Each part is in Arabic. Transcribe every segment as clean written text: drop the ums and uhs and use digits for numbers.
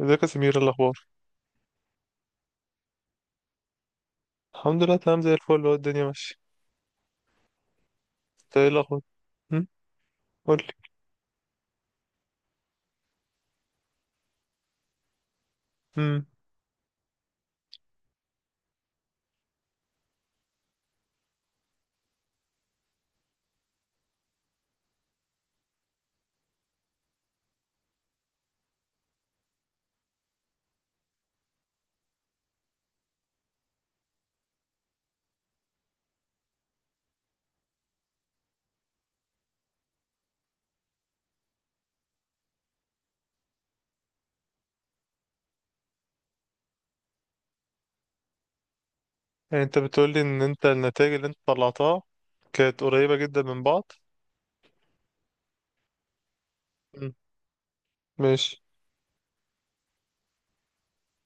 ازيك يا سمير؟ إيه الاخبار؟ الحمد لله، تمام زي الفل. هو الدنيا ماشيه؟ انت ايه الاخبار؟ هم. قول لي. هم. يعني انت بتقول لي ان انت النتائج اللي انت طلعتها كانت قريبه جدا من بعض؟ هم. ماشي،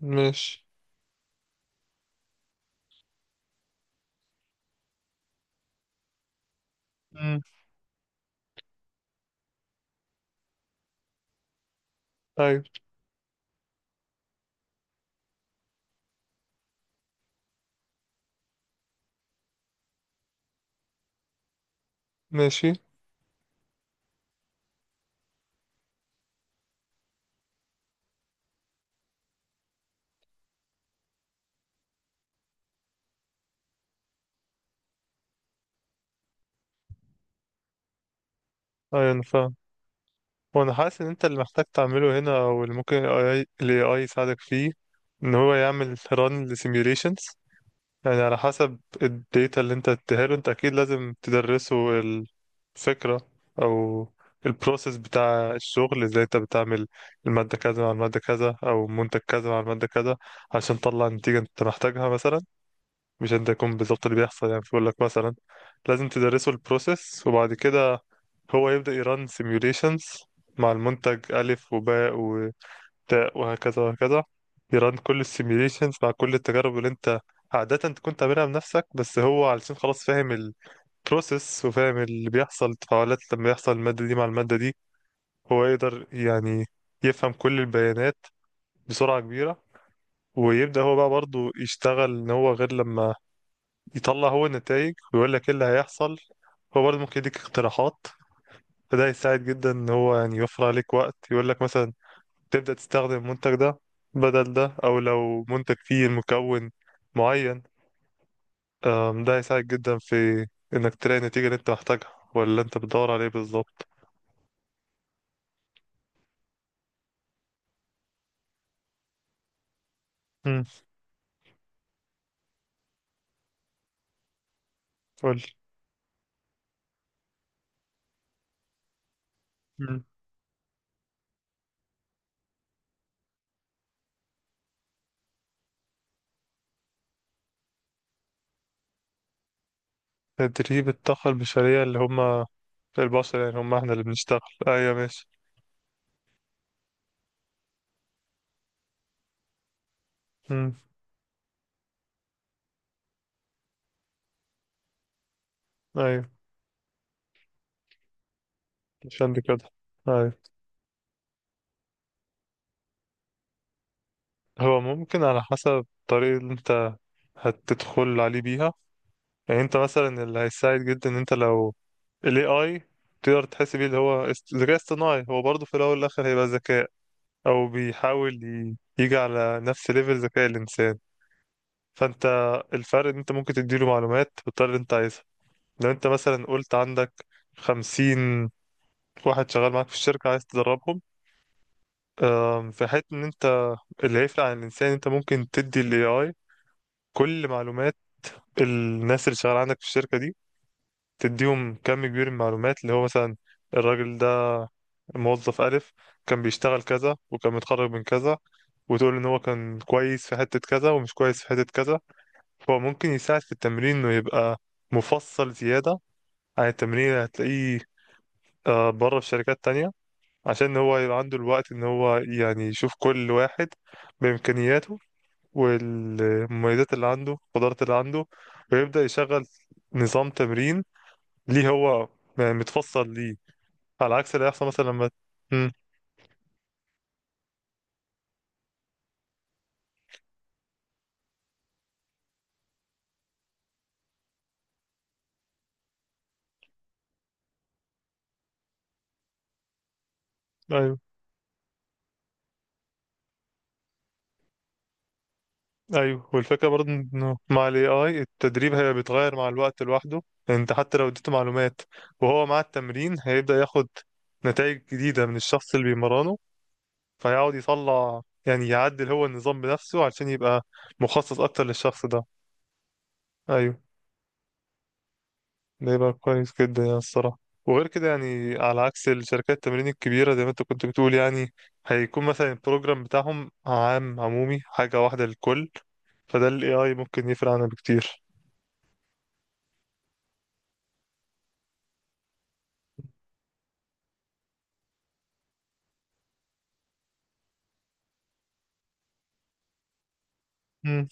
ماشي. هم. ايوه، ماشي. ايوه، انا فاهم. وانا حاسس ان انت اللي محتاج تعمله هنا او اللي ممكن ال AI يساعدك فيه ان هو يعمل ران لسيميوليشنز. يعني على حسب الداتا اللي انت اديهاله، انت اكيد لازم تدرسه الفكرة او البروسيس بتاع الشغل ازاي انت بتعمل المادة كذا مع المادة كذا او منتج كذا مع المادة كذا عشان تطلع النتيجة انت محتاجها مثلا. مش انت يكون بالظبط اللي بيحصل، يعني بيقول لك مثلا لازم تدرسه البروسيس، وبعد كده هو يبدأ يران سيميوليشنز مع المنتج ألف وباء تاء وهكذا وهكذا. يران كل السيميليشنز مع كل التجارب اللي انت عادة تكون تعملها بنفسك، بس هو علشان خلاص فاهم البروسيس وفاهم اللي بيحصل التفاعلات لما يحصل المادة دي مع المادة دي. هو يقدر يعني يفهم كل البيانات بسرعة كبيرة. ويبدأ هو بقى برضه يشتغل ان هو غير لما يطلع هو النتائج ويقول لك ايه اللي هيحصل. هو برضه ممكن يديك اقتراحات. فده هيساعد جدا ان هو يعني يوفر عليك وقت، يقول لك مثلا تبدأ تستخدم المنتج ده بدل ده، أو لو منتج فيه مكون معين. ده هيساعدك جدا في إنك تلاقي النتيجة اللي أنت محتاجها ولا أنت بتدور عليه بالظبط. مم. قول. مم. تدريب الطاقة البشرية؟ اللي هما البشر، يعني هما احنا اللي بنشتغل؟ أيوة، ماشي. مم. أيوة، عشان دي كده. أيوة. هو ممكن على حسب الطريقة اللي أنت هتدخل عليه بيها. يعني انت مثلا اللي هيساعد جدا ان انت لو ال AI تقدر تحس بيه، اللي هو ذكاء اصطناعي. هو برضه في الأول والآخر هيبقى ذكاء، أو بيحاول يجي على نفس ليفل ذكاء الإنسان. فأنت الفرق إن أنت ممكن تديله معلومات بالطريقة اللي أنت عايزها. لو أنت مثلا قلت عندك 50 واحد شغال معاك في الشركة عايز تدربهم، في حيث إن أنت اللي هيفرق عن الإنسان، أنت ممكن تدي ال AI كل معلومات الناس اللي شغالة عندك في الشركة دي. تديهم كم كبير من المعلومات اللي هو مثلا الراجل ده موظف ألف كان بيشتغل كذا وكان متخرج من كذا، وتقول إن هو كان كويس في حتة كذا ومش كويس في حتة كذا. هو ممكن يساعد في التمرين إنه يبقى مفصل زيادة عن التمرين اللي هتلاقيه بره في شركات تانية. عشان هو يبقى عنده الوقت إن هو يعني يشوف كل واحد بإمكانياته والمميزات اللي عنده القدرات اللي عنده، ويبدأ يشغل نظام تمرين ليه هو، يعني متفصل ليه، على عكس اللي هيحصل مثلا لما. مم. ايوه، ايوه. والفكره برضه انه مع الاي اي التدريب هي بيتغير مع الوقت لوحده. انت حتى لو اديته معلومات، وهو مع التمرين هيبدا ياخد نتائج جديده من الشخص اللي بيمرنه، فيقعد يطلع يعني يعدل هو النظام بنفسه عشان يبقى مخصص اكتر للشخص ده. ايوه. ده يبقى كويس جدا يعني الصراحة. وغير كده، يعني على عكس الشركات التمرين الكبيرة زي ما انت كنت بتقول، يعني هيكون مثلا البروجرام بتاعهم عام عمومي، حاجة واحدة للكل. فده ال AI ممكن يفرق عنها بكتير. مم.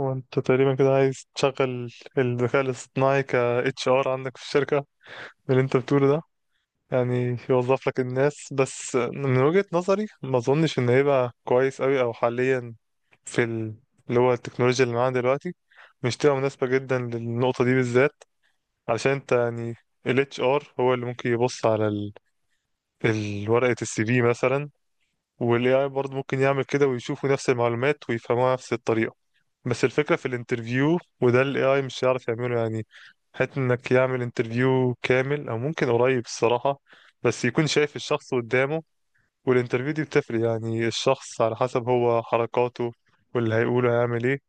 هو انت تقريبا كده عايز تشغل الذكاء الاصطناعي ك HR عندك في الشركة من اللي انت بتقوله ده؟ يعني يوظف لك الناس. بس من وجهة نظري ما اظنش ان هيبقى كويس قوي او حاليا في ال... اللي هو التكنولوجيا اللي معانا دلوقتي، مش تبقى مناسبة جدا للنقطة دي بالذات. علشان انت يعني ال HR هو اللي ممكن يبص على ورقة السي في مثلا، وال AI برضه ممكن يعمل كده ويشوفوا نفس المعلومات ويفهموها نفس الطريقة. بس الفكرة في الانترفيو، وده ال AI مش هيعرف يعمله، يعني حتى انك يعمل انترفيو كامل او ممكن قريب الصراحة، بس يكون شايف الشخص قدامه. والانترفيو دي بتفرق، يعني الشخص على حسب هو حركاته واللي هيقوله هيعمل ايه.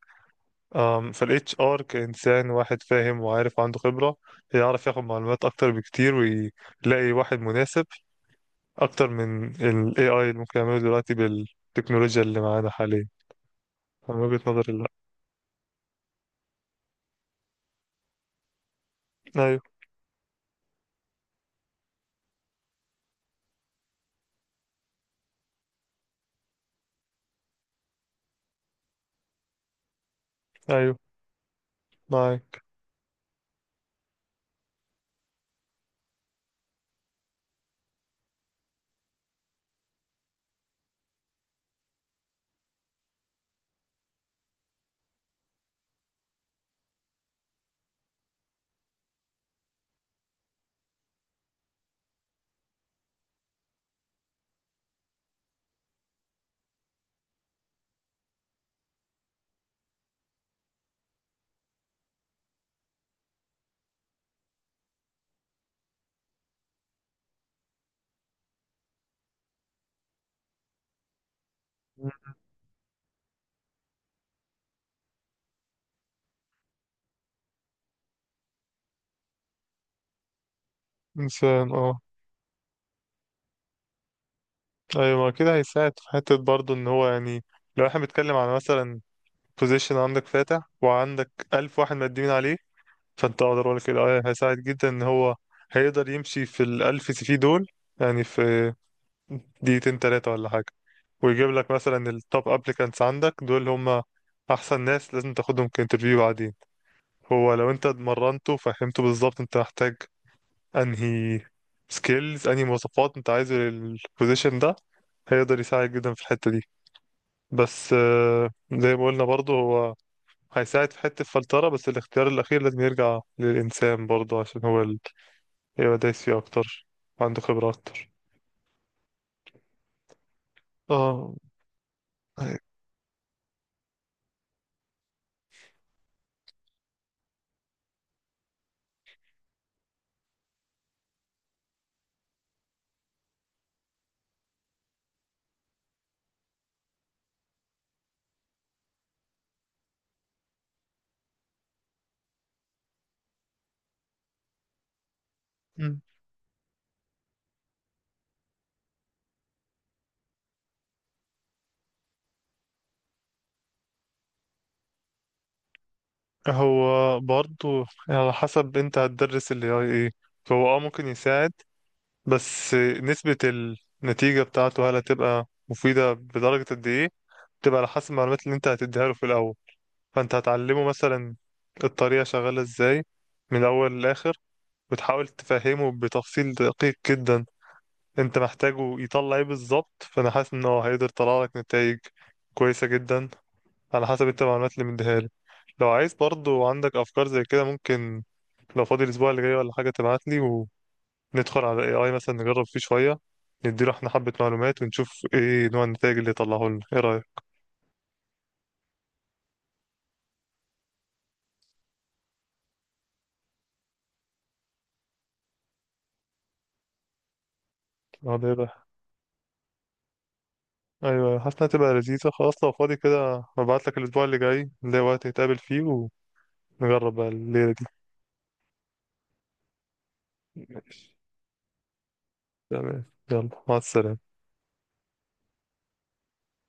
فال HR كإنسان واحد فاهم وعارف عنده خبرة، يعرف ياخد معلومات أكتر بكتير ويلاقي واحد مناسب أكتر من ال AI اللي ممكن يعمله دلوقتي بالتكنولوجيا اللي معانا حاليا. من وجهة نظري، لا. أيوه. أيوه. معاك. انسان، اه. ايوه، ما كده هيساعد في حته برضه ان هو يعني لو احنا بنتكلم على مثلا بوزيشن عندك فاتح وعندك 1000 واحد مقدمين عليه، فانت اقدر اقول لك كده هيساعد جدا ان هو هيقدر يمشي في الالف سي في دول يعني في دقيقتين تلاتة ولا حاجه، ويجيب لك مثلا التوب ابليكانتس عندك. دول هم احسن ناس لازم تاخدهم كانترفيو بعدين. هو لو انت اتمرنته فهمته بالظبط انت محتاج انهي سكيلز انهي مواصفات انت عايزه للبوزيشن ده، هيقدر يساعد جدا في الحتة دي. بس زي ما قلنا برضه هو هيساعد في حتة الفلترة، بس الاختيار الأخير لازم يرجع للإنسان برضه عشان هو اللي يبقى دايس فيه أكتر وعنده خبرة أكتر. اه. هي- مم. هو برضه على حسب انت هتدرس ال AI ايه. هو ممكن يساعد، بس نسبة النتيجة بتاعته هل هتبقى مفيدة بدرجة قد ايه؟ تبقى على حسب المعلومات اللي انت هتديها له في الاول. فانت هتعلمه مثلا الطريقه شغاله ازاي من الاول للاخر، وتحاول تفهمه بتفصيل دقيق جدا انت محتاجه يطلع ايه بالظبط. فانا حاسس ان هو هيقدر يطلع لك نتائج كويسه جدا على حسب انت المعلومات اللي مديها له. لو عايز برضو عندك افكار زي كده، ممكن لو فاضي الاسبوع اللي جاي ولا حاجه تبعت لي وندخل على اي اي مثلا، نجرب فيه شويه، نديله احنا حبه معلومات ونشوف ايه نوع النتائج اللي يطلعه لنا. ايه رايك؟ هذا. ايوه، حاسس انها تبقى لذيذة. خلاص لو فاضي كده هبعت لك الاسبوع اللي جاي نلاقي وقت نتقابل فيه ونجرب بقى الليلة دي. ماشي. تمام. يلا، مع السلامة.